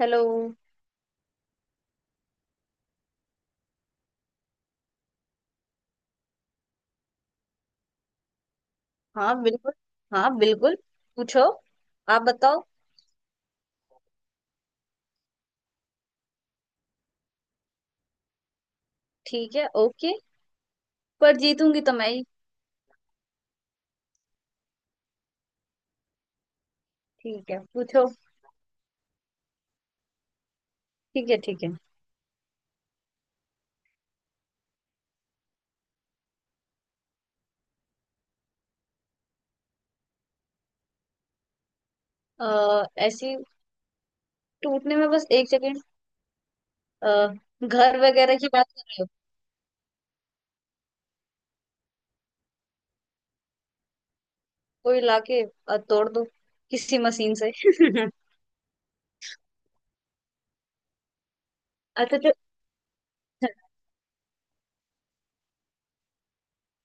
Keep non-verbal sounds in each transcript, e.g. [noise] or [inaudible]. Hello. हाँ बिल्कुल। हाँ बिल्कुल। पूछो। आप बताओ। ठीक है ओके। पर जीतूंगी तो मैं ही। ठीक है पूछो। ठीक है ठीक है। ऐसी टूटने में बस एक सेकेंड। अ, घर वगैरह की बात कर रहे हो। कोई लाके तोड़ दो किसी मशीन से। [laughs] अच्छा जो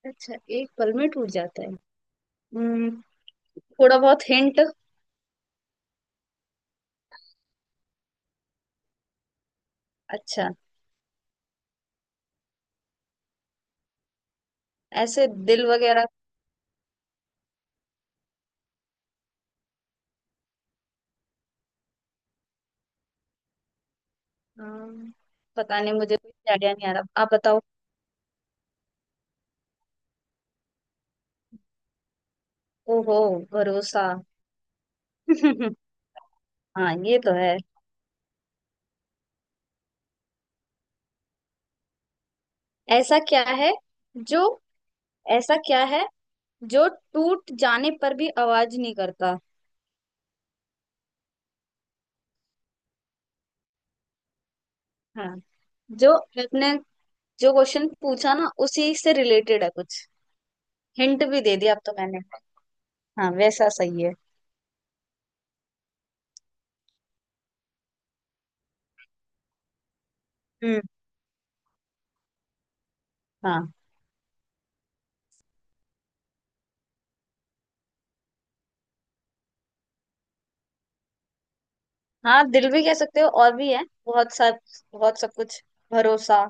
अच्छा एक पल में टूट जाता है। हम्म, थोड़ा बहुत हिंट। अच्छा ऐसे दिल वगैरह। अम, पता नहीं मुझे कोई आइडिया नहीं आ रहा। आप बताओ। ओहो भरोसा। [laughs] हाँ ये तो है। ऐसा क्या है जो ऐसा क्या है जो टूट जाने पर भी आवाज नहीं करता। हाँ जो आपने जो क्वेश्चन पूछा ना उसी से रिलेटेड है कुछ। हिंट भी दे दिया अब तो मैंने। हाँ वैसा सही है। हम्म। हाँ हाँ दिल भी कह सकते हो और भी है बहुत सब। बहुत सब कुछ। भरोसा।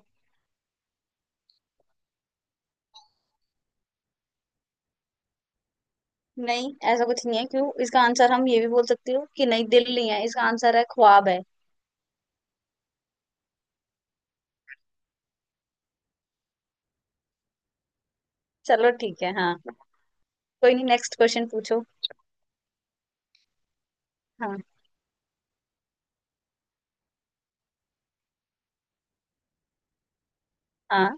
नहीं ऐसा कुछ नहीं है। क्यों इसका आंसर हम ये भी बोल सकते हो कि नहीं दिल नहीं है। इसका आंसर है ख्वाब है। चलो ठीक है हाँ। कोई नहीं, नेक्स्ट क्वेश्चन पूछो। हाँ। हाँ।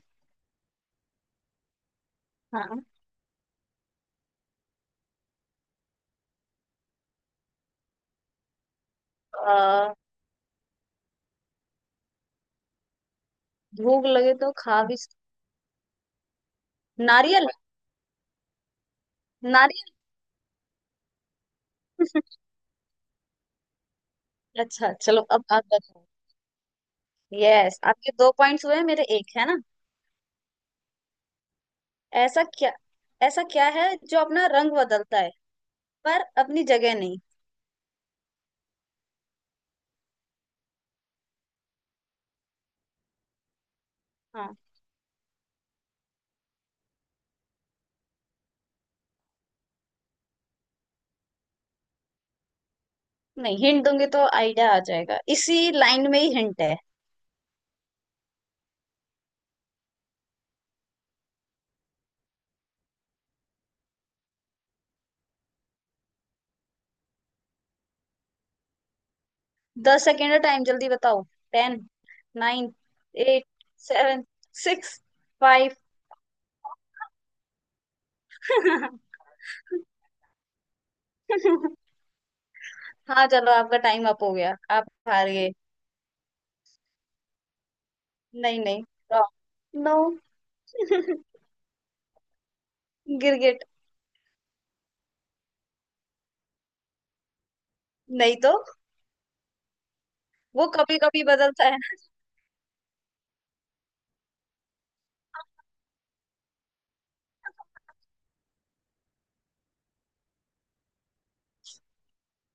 हाँ। आ, भूख लगे तो खा भी सक- नारियल। नारियल। अच्छा चलो अब आप बताओ। यस आपके दो पॉइंट्स हुए मेरे एक है ना। ऐसा क्या ऐसा क्या है जो अपना रंग बदलता है पर अपनी जगह नहीं। हाँ। नहीं हिंट दूंगी तो आइडिया आ जाएगा, इसी लाइन में ही हिंट है। दस सेकेंड का टाइम, जल्दी बताओ। Ten, nine, eight, seven, six, five. [laughs] हाँ चलो आपका टाइम अप हो गया, आप हार गए। नहीं नहीं, रॉन्ग। नो। [laughs] गिरगिट। नहीं तो, वो कभी कभी बदलता है ना।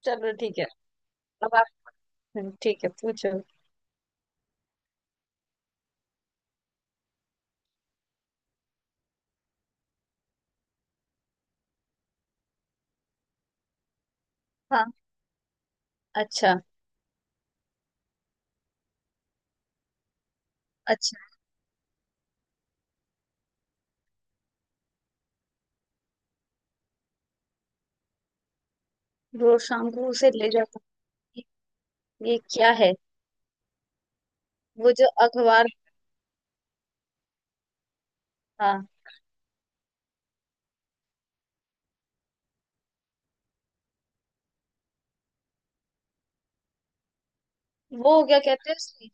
चलो ठीक है अब आप। ठीक है पूछो। हाँ। अच्छा। अच्छा। रोज शाम को उसे ले जाता हूँ। ये क्या है। वो जो अखबार। हाँ। वो क्या कहते हैं उसमें,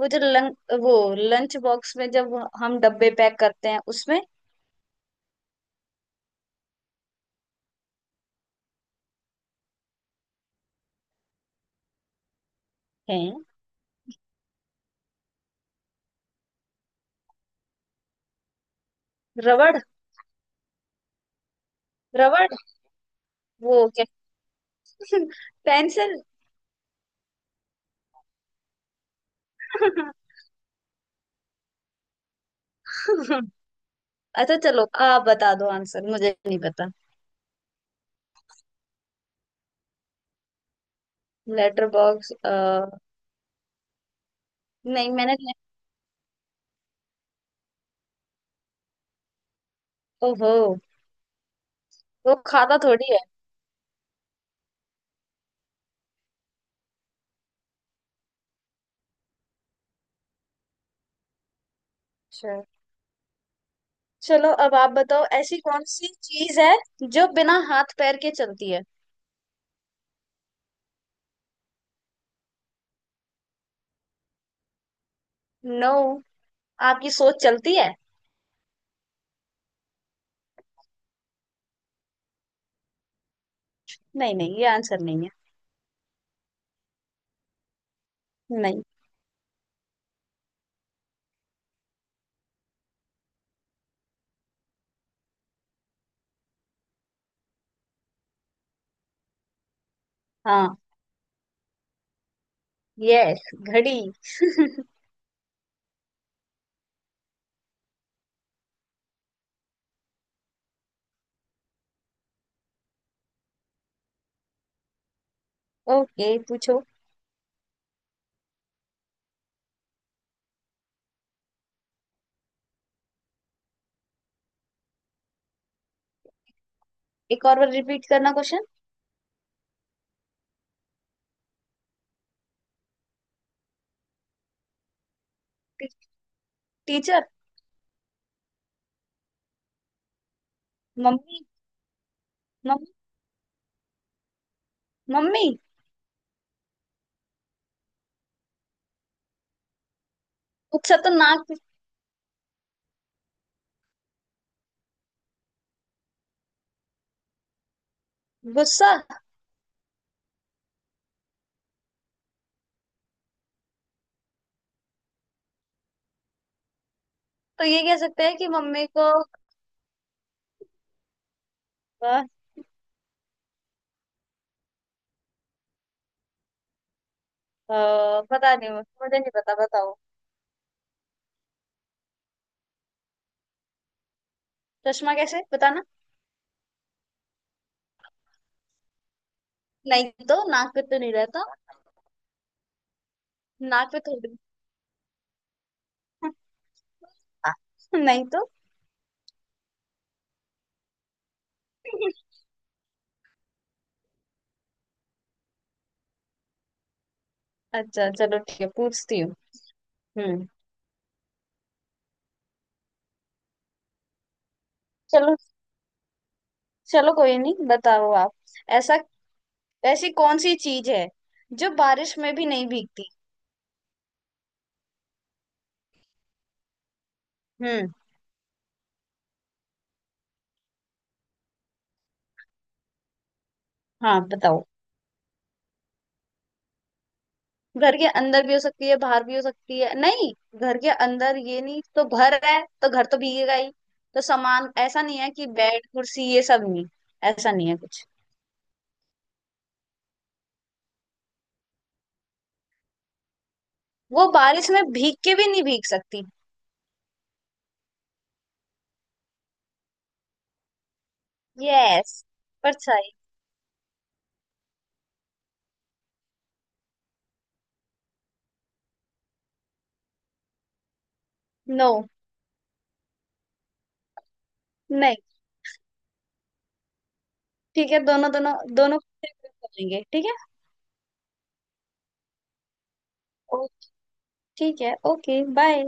वो जो लं, वो लंच बॉक्स में जब हम डब्बे पैक करते हैं उसमें है। रबड़। रबड़। वो क्या [laughs] पेंसिल। [laughs] अच्छा चलो आप बता दो, आंसर मुझे नहीं पता। Letter box. नहीं मैंने ओहो वो खाता थोड़ी है। अच्छा चलो अब आप बताओ, ऐसी कौन सी चीज है जो बिना हाथ पैर के चलती है। नो आपकी सोच चलती है। नहीं नहीं ये आंसर नहीं है। नहीं। हाँ यस घड़ी। ओके पूछो। एक और बार रिपीट करना क्वेश्चन। टी, टीचर। मम्मी। मम्मी। मम्मी। गुस्सा तो नाक पे- गुस्सा। तो ये कह सकते हैं कि मम्मी को अ, पता नहीं मुझे नहीं पता बताओ। चश्मा कैसे बताना। नहीं तो नाक पे तो नहीं रहता। नाक पे थोड़ी। [laughs] नहीं तो। [laughs] अच्छा चलो ठीक है पूछती हूँ। हम्म। चलो। चलो कोई नहीं बताओ आप। ऐसा ऐसी कौन सी चीज है जो बारिश में भी नहीं भीगती। हम्म। हाँ बताओ। घर के अंदर भी हो सकती है बाहर भी हो सकती है। नहीं घर के अंदर ये नहीं तो घर है तो घर तो भीगेगा ही। तो सामान ऐसा नहीं है कि बेड कुर्सी ये सब नहीं। ऐसा नहीं है कुछ। वो बारिश में भीग के भी नहीं भीग सकती। यस परछाई। नो। नहीं। ठीक है दोनों दोनों दोनों को सेपरेट कर लेंगे ठीक है। ओ, ठीक है ओके बाय।